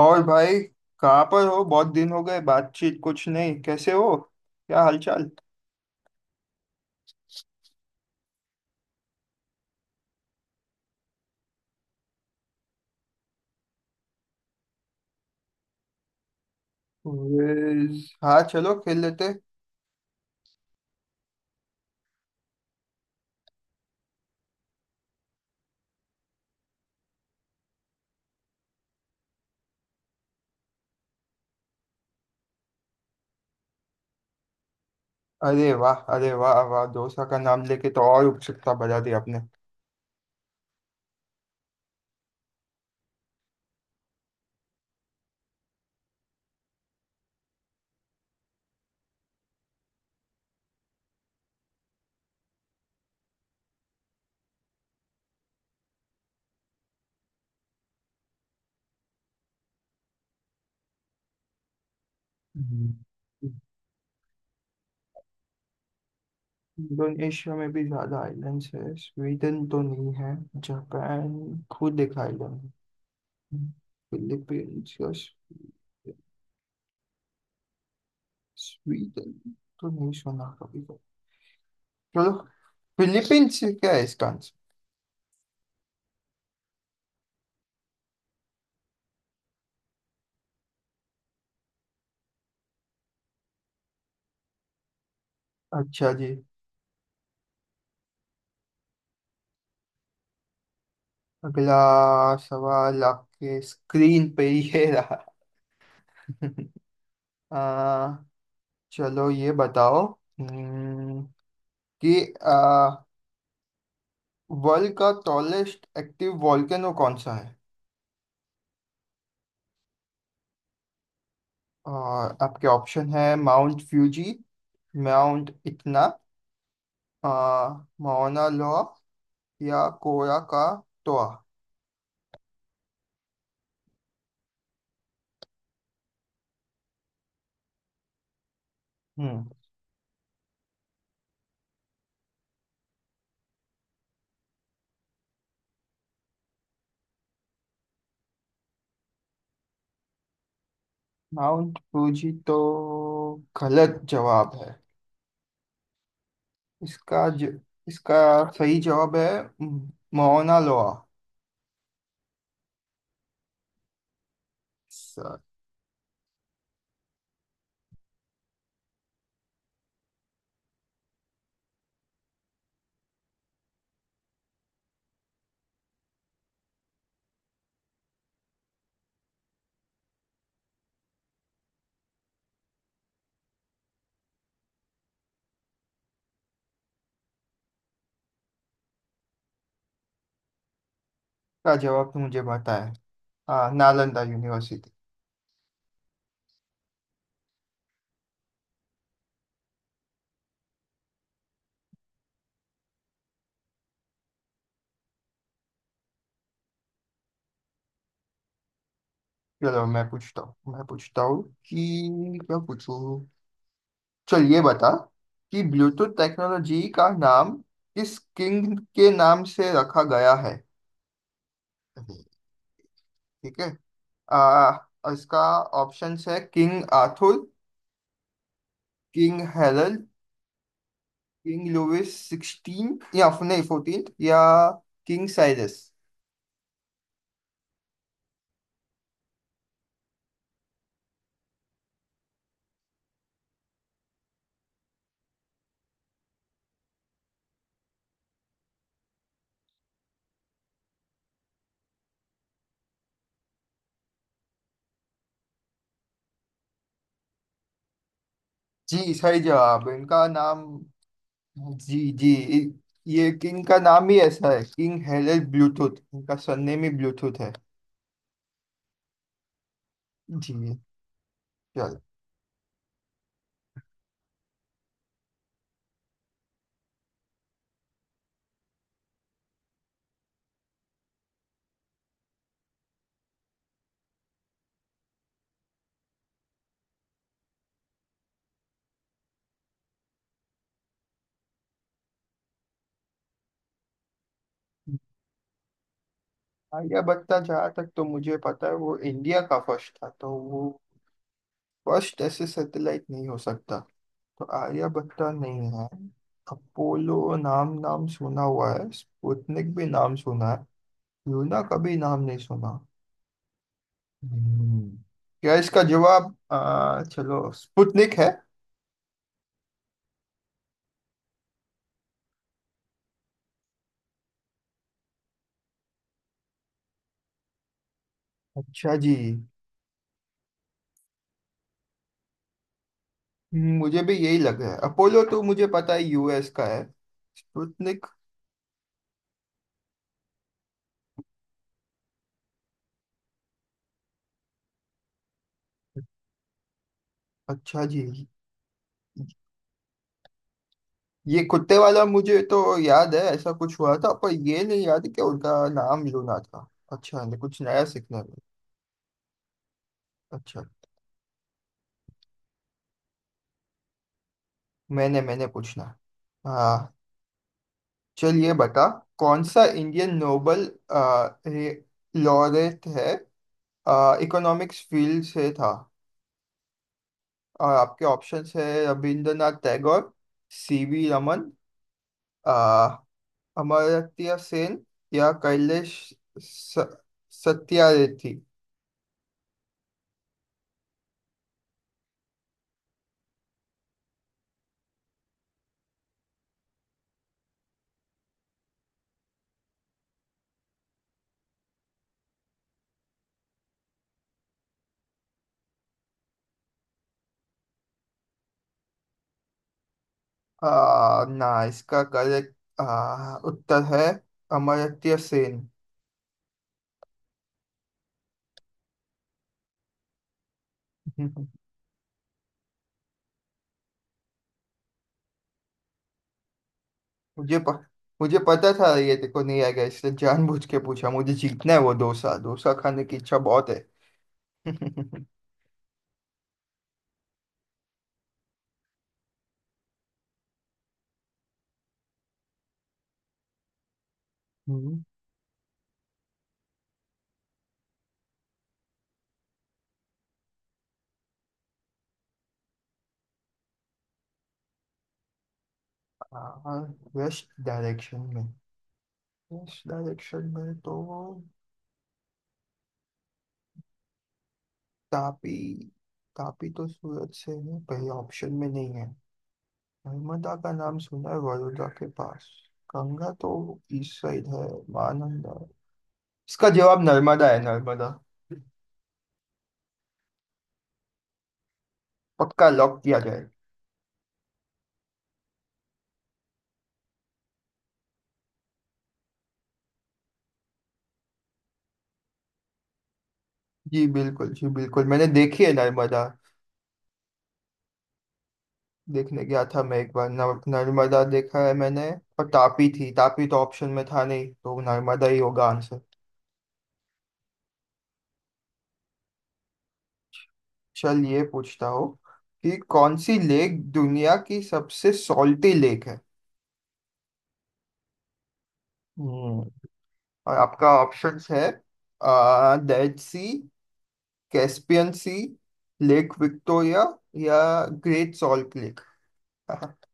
और भाई, कहाँ पर हो? बहुत दिन हो गए, बातचीत कुछ नहीं। कैसे हो? क्या हालचाल? Quiz, हाँ चलो खेल लेते। अरे वाह, अरे वाह वाह, डोसा का नाम लेके तो और उत्सुकता बढ़ा दी आपने। हम्म। इंडोनेशिया में भी ज्यादा आइलैंड्स है। स्वीडन तो नहीं है। जापान खुद एक आइलैंड है। फिलीपींस या स्वीडन तो नहीं सुना कभी। चलो फिलीपींस। क्या है इसका आंसर? अच्छा जी। अगला सवाल आपके स्क्रीन पे ही है रहा। आ, चलो ये बताओ हम्म, कि वर्ल्ड का टॉलेस्ट एक्टिव वॉल्केनो कौन सा है? और आपके ऑप्शन है माउंट फ्यूजी, माउंट इतना, माउना लोआ, या कोरा का टोआ। हम्म। माउंट फ्यूजी तो गलत जवाब है। इसका ज, इसका सही जवाब है म- माउना लोआ। सर, का जवाब तो मुझे पता है। हाँ, नालंदा यूनिवर्सिटी। चलो मैं पूछता हूँ, मैं पूछता हूँ, कि क्या पूछूँ। चल ये बता कि ब्लूटूथ टेक्नोलॉजी का नाम किस किंग के नाम से रखा गया है, ठीक है? आ, इसका ऑप्शंस है King Arthur, King Harold, King Louis sixteen या नहीं फोर्टीन, या किंग साइरस। जी, सही जवाब, इनका नाम। जी जी। इ- ये किंग का नाम ही ऐसा है, किंग हेरल्ड ब्लूटूथ। इनका सरनेम ही ब्लूटूथ है। जी, चल। आलिया भट्ट का जहाँ तक तो मुझे पता है, वो इंडिया का फर्स्ट था, तो वो फर्स्ट ऐसे सैटेलाइट नहीं हो सकता। तो आलिया भट्ट का नहीं है। अपोलो नाम नाम सुना हुआ है, स्पुतनिक भी नाम सुना है, लूना का भी नाम नहीं सुना। हम्म। क्या इसका जवाब, चलो, स्पुतनिक है। अच्छा जी। मुझे भी यही लग रहा है। अपोलो तो मुझे पता है यूएस का है। स्पुतनिक। अच्छा जी। ये कुत्ते वाला मुझे तो याद है, ऐसा कुछ हुआ था, पर ये नहीं याद कि उनका नाम लूना था। अच्छा, ने कुछ नया सीखने में। अच्छा, मैंने मैंने पूछना। हाँ। चलिए बता, कौन सा इंडियन नोबल लॉरेट है, इकोनॉमिक्स फील्ड से था। और आपके ऑप्शंस है रविंद्रनाथ टैगोर, सी वी रमन, अमर्त्य सेन, या कैलेश स- सत्यार्थी। ना, इसका करेक्ट उत्तर है अमर्त्य सेन। मुझे प, मुझे पता था ये देखो नहीं आएगा, इसलिए जानबूझ के पूछा। मुझे जीतना है, वो डोसा डोसा खाने की इच्छा बहुत है। हम्म, आ, वेस्ट डायरेक्शन में वेस्ट डायरेक्शन में तो तापी, तापी तो सूरत से है, पहले ऑप्शन में नहीं है। नर्मदा का नाम सुना है, बड़ौदा के पास। गंगा तो ईस्ट साइड है। महानंदा। इसका जवाब नर्मदा है। नर्मदा पक्का लॉक किया जाए। जी बिल्कुल, जी बिल्कुल, मैंने देखी है नर्मदा। देखने गया था मैं एक बार, नर्मदा देखा है मैंने। और तापी थी, तापी तो ऑप्शन में था नहीं, तो नर्मदा ही होगा आंसर। चल ये पूछता हूँ कि कौन सी लेक दुनिया की सबसे सॉल्टी लेक है। हम्म। और आपका ऑप्शंस है Dead Sea, Caspian Sea, Lake Victoria, या ग्रेट सॉल्ट लेक।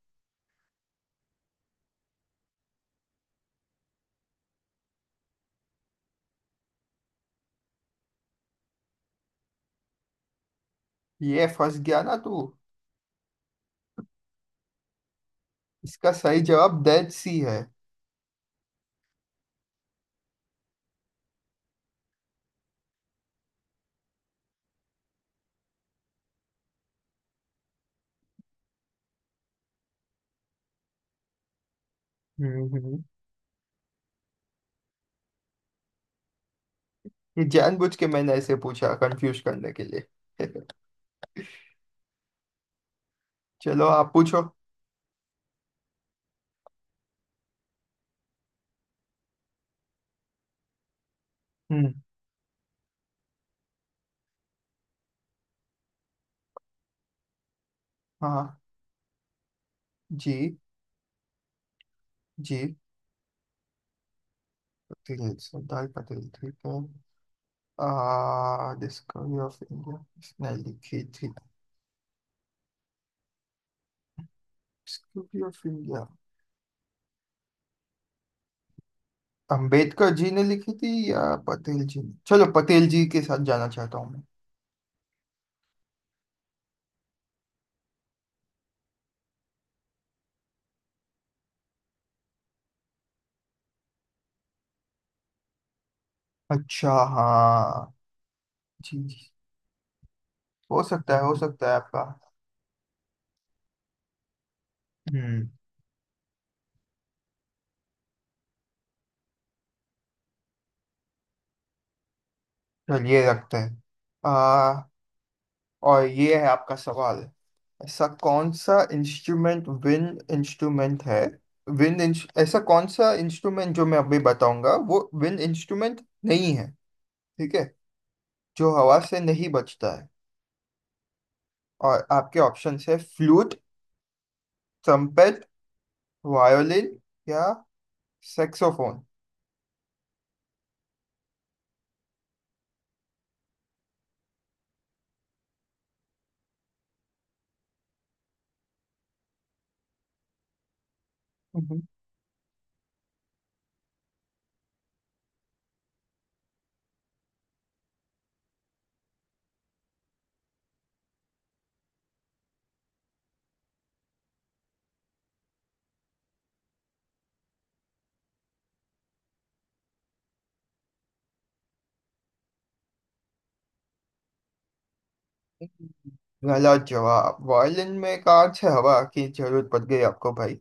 ये फंस गया ना तू। इसका सही जवाब डेड सी है। हम्म हम्म। ये जानबूझ के मैंने ऐसे पूछा, कंफ्यूज करने के लिए। चलो आप पूछो। हम्म, हाँ, जी जी, पटेल। सरदार पटेल, ठीक है। आ डिस्कवरी ऑफ इंडिया किसने लिखी थी? Discovery of India Ambedkar ji ने लिखी थी या पटेल जी ने? चलो, पटेल जी के साथ जाना चाहता हूँ। अच्छा, हाँ, जी जी, हो सकता है, हो सकता है आपका। हम्म। चलिए, रखते हैं। आ, और ये है आपका सवाल। ऐसा कौन सा इंस्ट्रूमेंट विंड इंस्ट्रूमेंट है? ऐसा कौन सा इंस्ट्रूमेंट जो मैं अभी बताऊंगा वो विंड इंस्ट्रूमेंट नहीं है, ठीक है? जो हवा से नहीं बजता है। और आपके ऑप्शंस है फ्लूट, ट्रम्पेट, वायोलिन, या सैक्सोफोन। गलत जवाब। वायलिन में कांच से हवा की जरूरत पड़ गई आपको, भाई।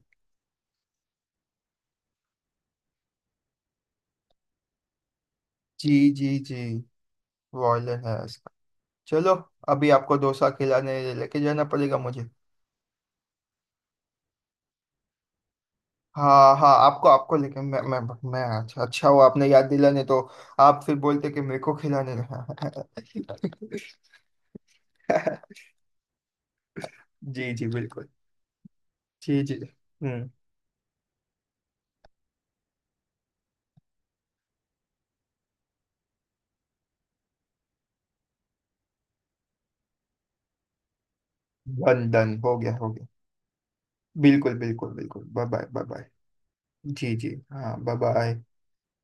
जी जी जी, वायलिन है इसका। चलो, अभी आपको डोसा खिलाने लेके जाना पड़ेगा मुझे। हाँ हाँ, आपको आपको लेके मैं। मैं। अच्छा अच्छा, वो आपने याद दिलाने तो। आप फिर बोलते कि मेरे को खिलाने लगा। जी जी बिल्कुल। जी जी। हम्म। डन डन, हो गया हो गया। बिल्कुल बिल्कुल बिल्कुल, बाय बाय बाय बाय। जी जी, हाँ, बाय बाय।